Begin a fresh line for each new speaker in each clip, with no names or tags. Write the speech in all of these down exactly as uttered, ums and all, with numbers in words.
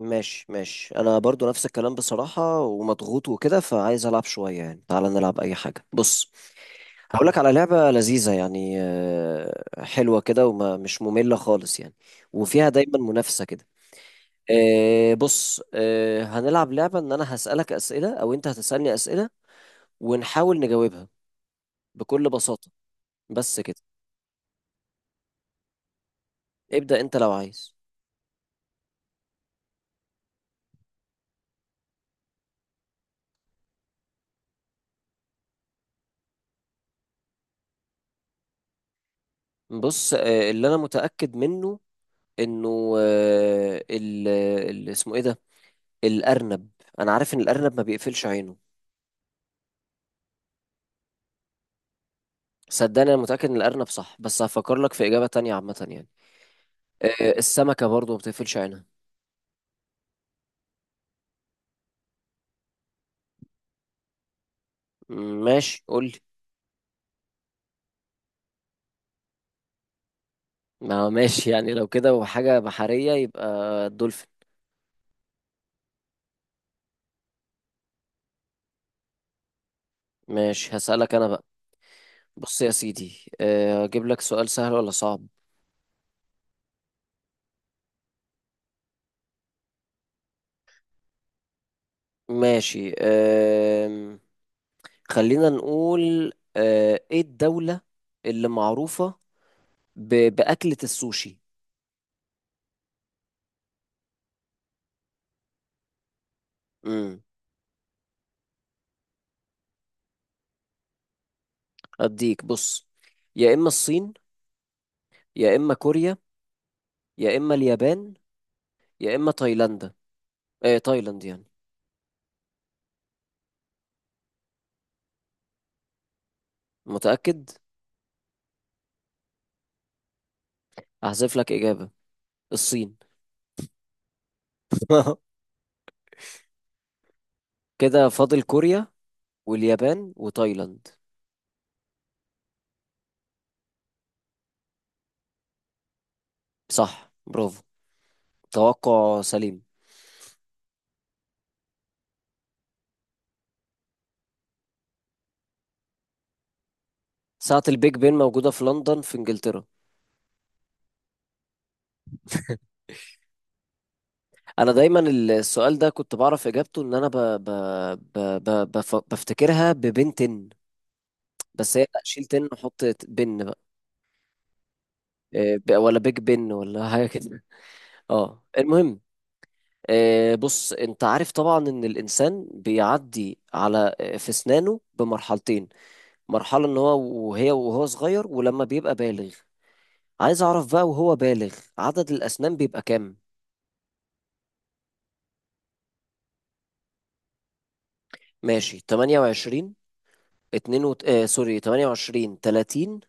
ماشي ماشي، انا برضو نفس الكلام بصراحة، ومضغوط وكده فعايز العب شوية يعني. تعالى نلعب اي حاجة. بص، هقولك على لعبة لذيذة يعني، آه، حلوة كده ومش مملة خالص يعني، وفيها دايما منافسة كده. آه، بص، آه، هنلعب لعبة ان انا هسألك اسئلة او انت هتسألني اسئلة ونحاول نجاوبها بكل بساطة. بس كده. ابدأ انت لو عايز. بص، آه، اللي انا متأكد منه انه آه، ال ال- اسمه ايه ده، الأرنب. أنا عارف إن الأرنب ما بيقفلش عينه. صدقني أنا متأكد إن الأرنب صح، بس هفكر لك في إجابة تانية عامة يعني. آه، السمكة برضو ما بتقفلش عينها. م- ماشي قولي. ما هو ماشي يعني لو كده وحاجة بحرية يبقى الدولفين. ماشي هسألك أنا بقى. بص يا سيدي، آه، أجيب لك سؤال سهل ولا صعب؟ ماشي، آم، خلينا نقول، آه، إيه الدولة اللي معروفة ب- بأكلة السوشي؟ مم. أديك، بص، يا إما الصين، يا إما كوريا، يا إما اليابان، يا إما تايلاندا. إيه تايلاند يعني. متأكد؟ هحذف لك إجابة، الصين. كده فاضل كوريا واليابان وتايلاند. صح، برافو، توقع سليم. ساعة البيج بين موجودة في لندن في إنجلترا. أنا دايما السؤال ده كنت بعرف إجابته، إن أنا ب... ب... ب... ب... بف... بفتكرها ببن تن، بس هي لأ، شيل تن وحط بن بقى. إيه، ب... ولا بيج بن ولا حاجة كده. اه المهم، آه، بص انت عارف طبعا ان الانسان بيعدي على، آه، في اسنانه بمرحلتين، مرحلة ان هو وهي وهو صغير، ولما بيبقى بالغ. عايز اعرف بقى وهو بالغ عدد الاسنان بيبقى كام؟ ماشي، تمنية وعشرين اتنين وت... آه سوري، ثمانية وعشرين، تلاتين،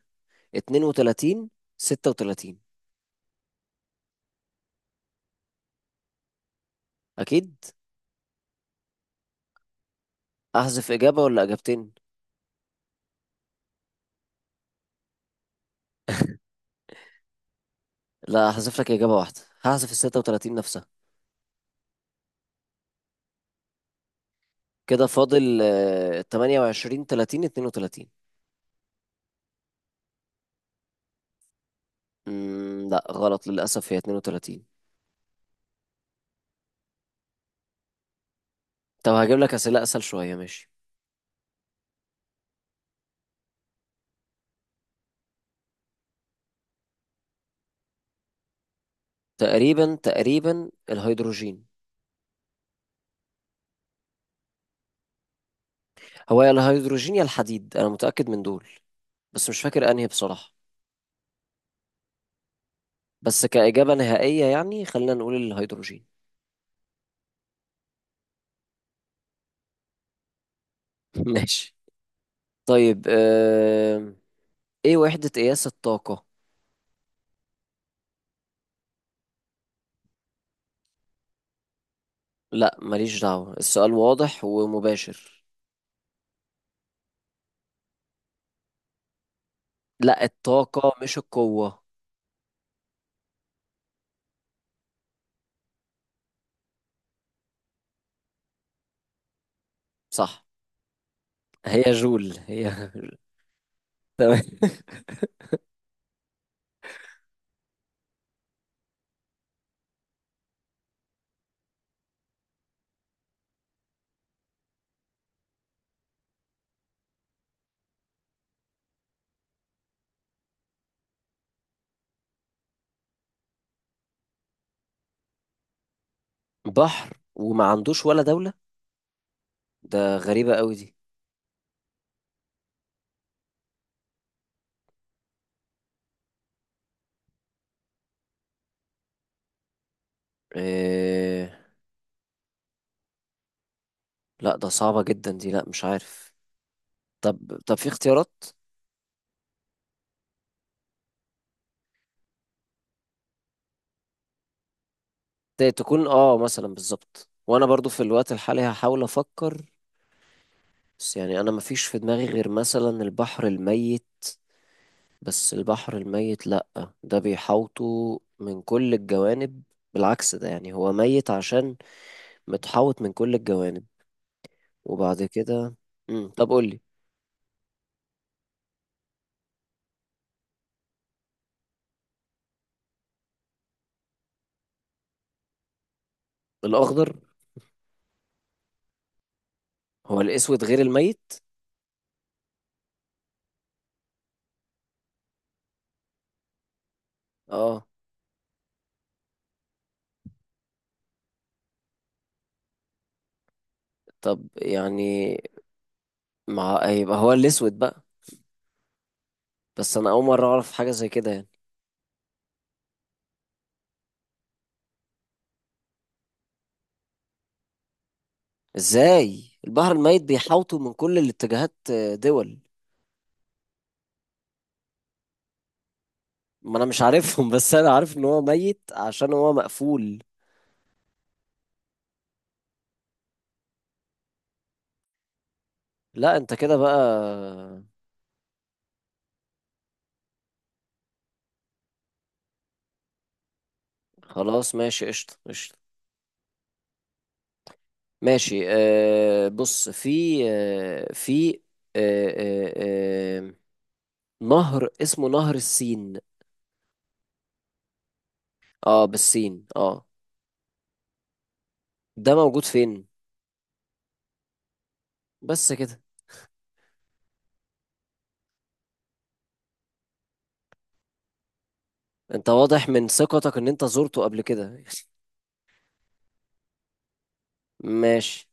اثنين وثلاثين، ستة وتلاتين. اكيد. احذف اجابة ولا اجابتين؟ لا، احذف لك اجابة واحدة، هحذف ال ستة وثلاثين نفسها. كده فاضل آه، ثمانية وعشرين، ثلاثين، اثنين وثلاثين. مم، لا غلط للأسف، هي اثنين وثلاثين. طب هجيب لك أسئلة أسهل شوية، ماشي. تقريبا تقريبا الهيدروجين. هو يا الهيدروجين يا الحديد، أنا متأكد من دول، بس مش فاكر أنهي بصراحة. بس كإجابة نهائية يعني خلينا نقول الهيدروجين. ماشي. طيب آم، إيه وحدة قياس الطاقة؟ لا ماليش دعوة، السؤال واضح ومباشر. لا، الطاقة مش القوة. صح، هي جول، هي تمام. بحر وما عندوش ولا دولة؟ ده غريبة قوي دي. إيه... لا ده صعبة جدا دي، لا مش عارف. طب طب في اختيارات؟ ت- تكون اه مثلا بالظبط، وانا برضو في الوقت الحالي هحاول افكر. بس يعني انا مفيش في دماغي غير مثلا البحر الميت، بس البحر الميت لا، ده بيحوطه من كل الجوانب، بالعكس ده يعني هو ميت عشان متحوط من كل الجوانب. وبعد كده مم. طب قولي. الاخضر. هو الاسود غير الميت؟ اه. طب يعني مع يبقى هو الاسود بقى، بس انا اول مره اعرف حاجه زي كده يعني. ازاي البحر الميت بيحاوطوا من كل الاتجاهات آه، دول؟ ما انا مش عارفهم بس انا عارف ان هو ميت عشان هو مقفول. لا انت كده بقى. خلاص ماشي، قشطه قشطه. ماشي آه بص، في آه في، آه آه آه نهر اسمه نهر السين. اه بالسين اه. ده موجود فين؟ بس كده. انت واضح من ثقتك ان انت زرته قبل كده ماشي.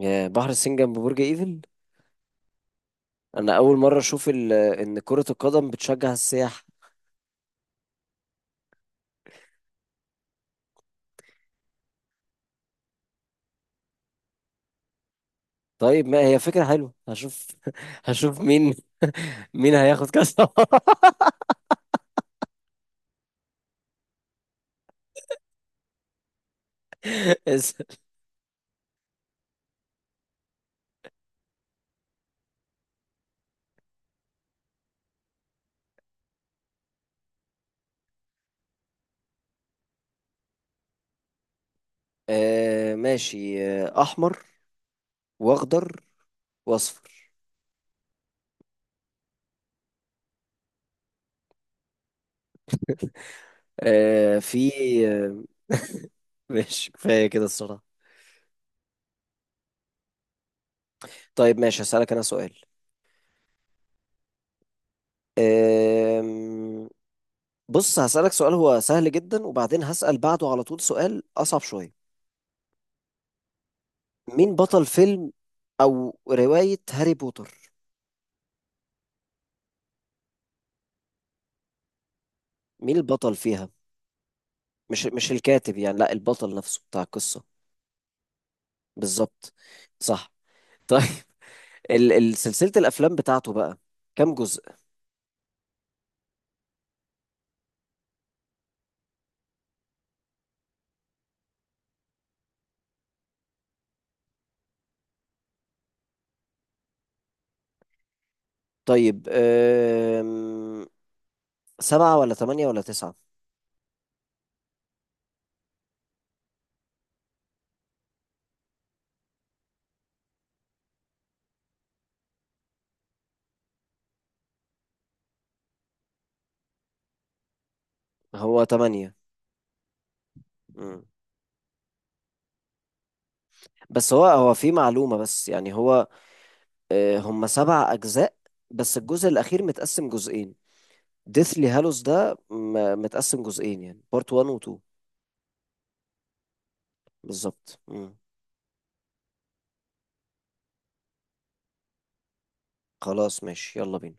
يا بحر الصين جنب برج ايفل. انا اول مره اشوف ال- ان كره القدم بتشجع السياح. طيب ما هي فكره حلوه، هشوف هشوف مين مين هياخد كاس. اس- آه ماشي، آه، احمر، واخضر، واصفر. آه في آه، ماشي كفايه كده الصراحه. طيب ماشي هسالك انا سؤال، آم، بص هسالك سؤال هو سهل جدا، وبعدين هسال بعده على طول سؤال اصعب شويه. مين بطل فيلم او رواية هاري بوتر؟ مين البطل فيها؟ مش مش الكاتب يعني، لا البطل نفسه بتاع القصة. بالظبط، صح. طيب ال ال- سلسلة الافلام بتاعته بقى كام جزء؟ طيب أم... سبعة ولا تمانية ولا تسعة؟ هو تمانية. مم. بس هو هو في معلومة بس يعني هو، آه، هم سبع أجزاء بس الجزء الأخير متقسم جزئين. ديثلي هالوس ده م- متقسم جزئين يعني بارت واحد و اتنين. بالظبط مم. خلاص ماشي يلا بينا.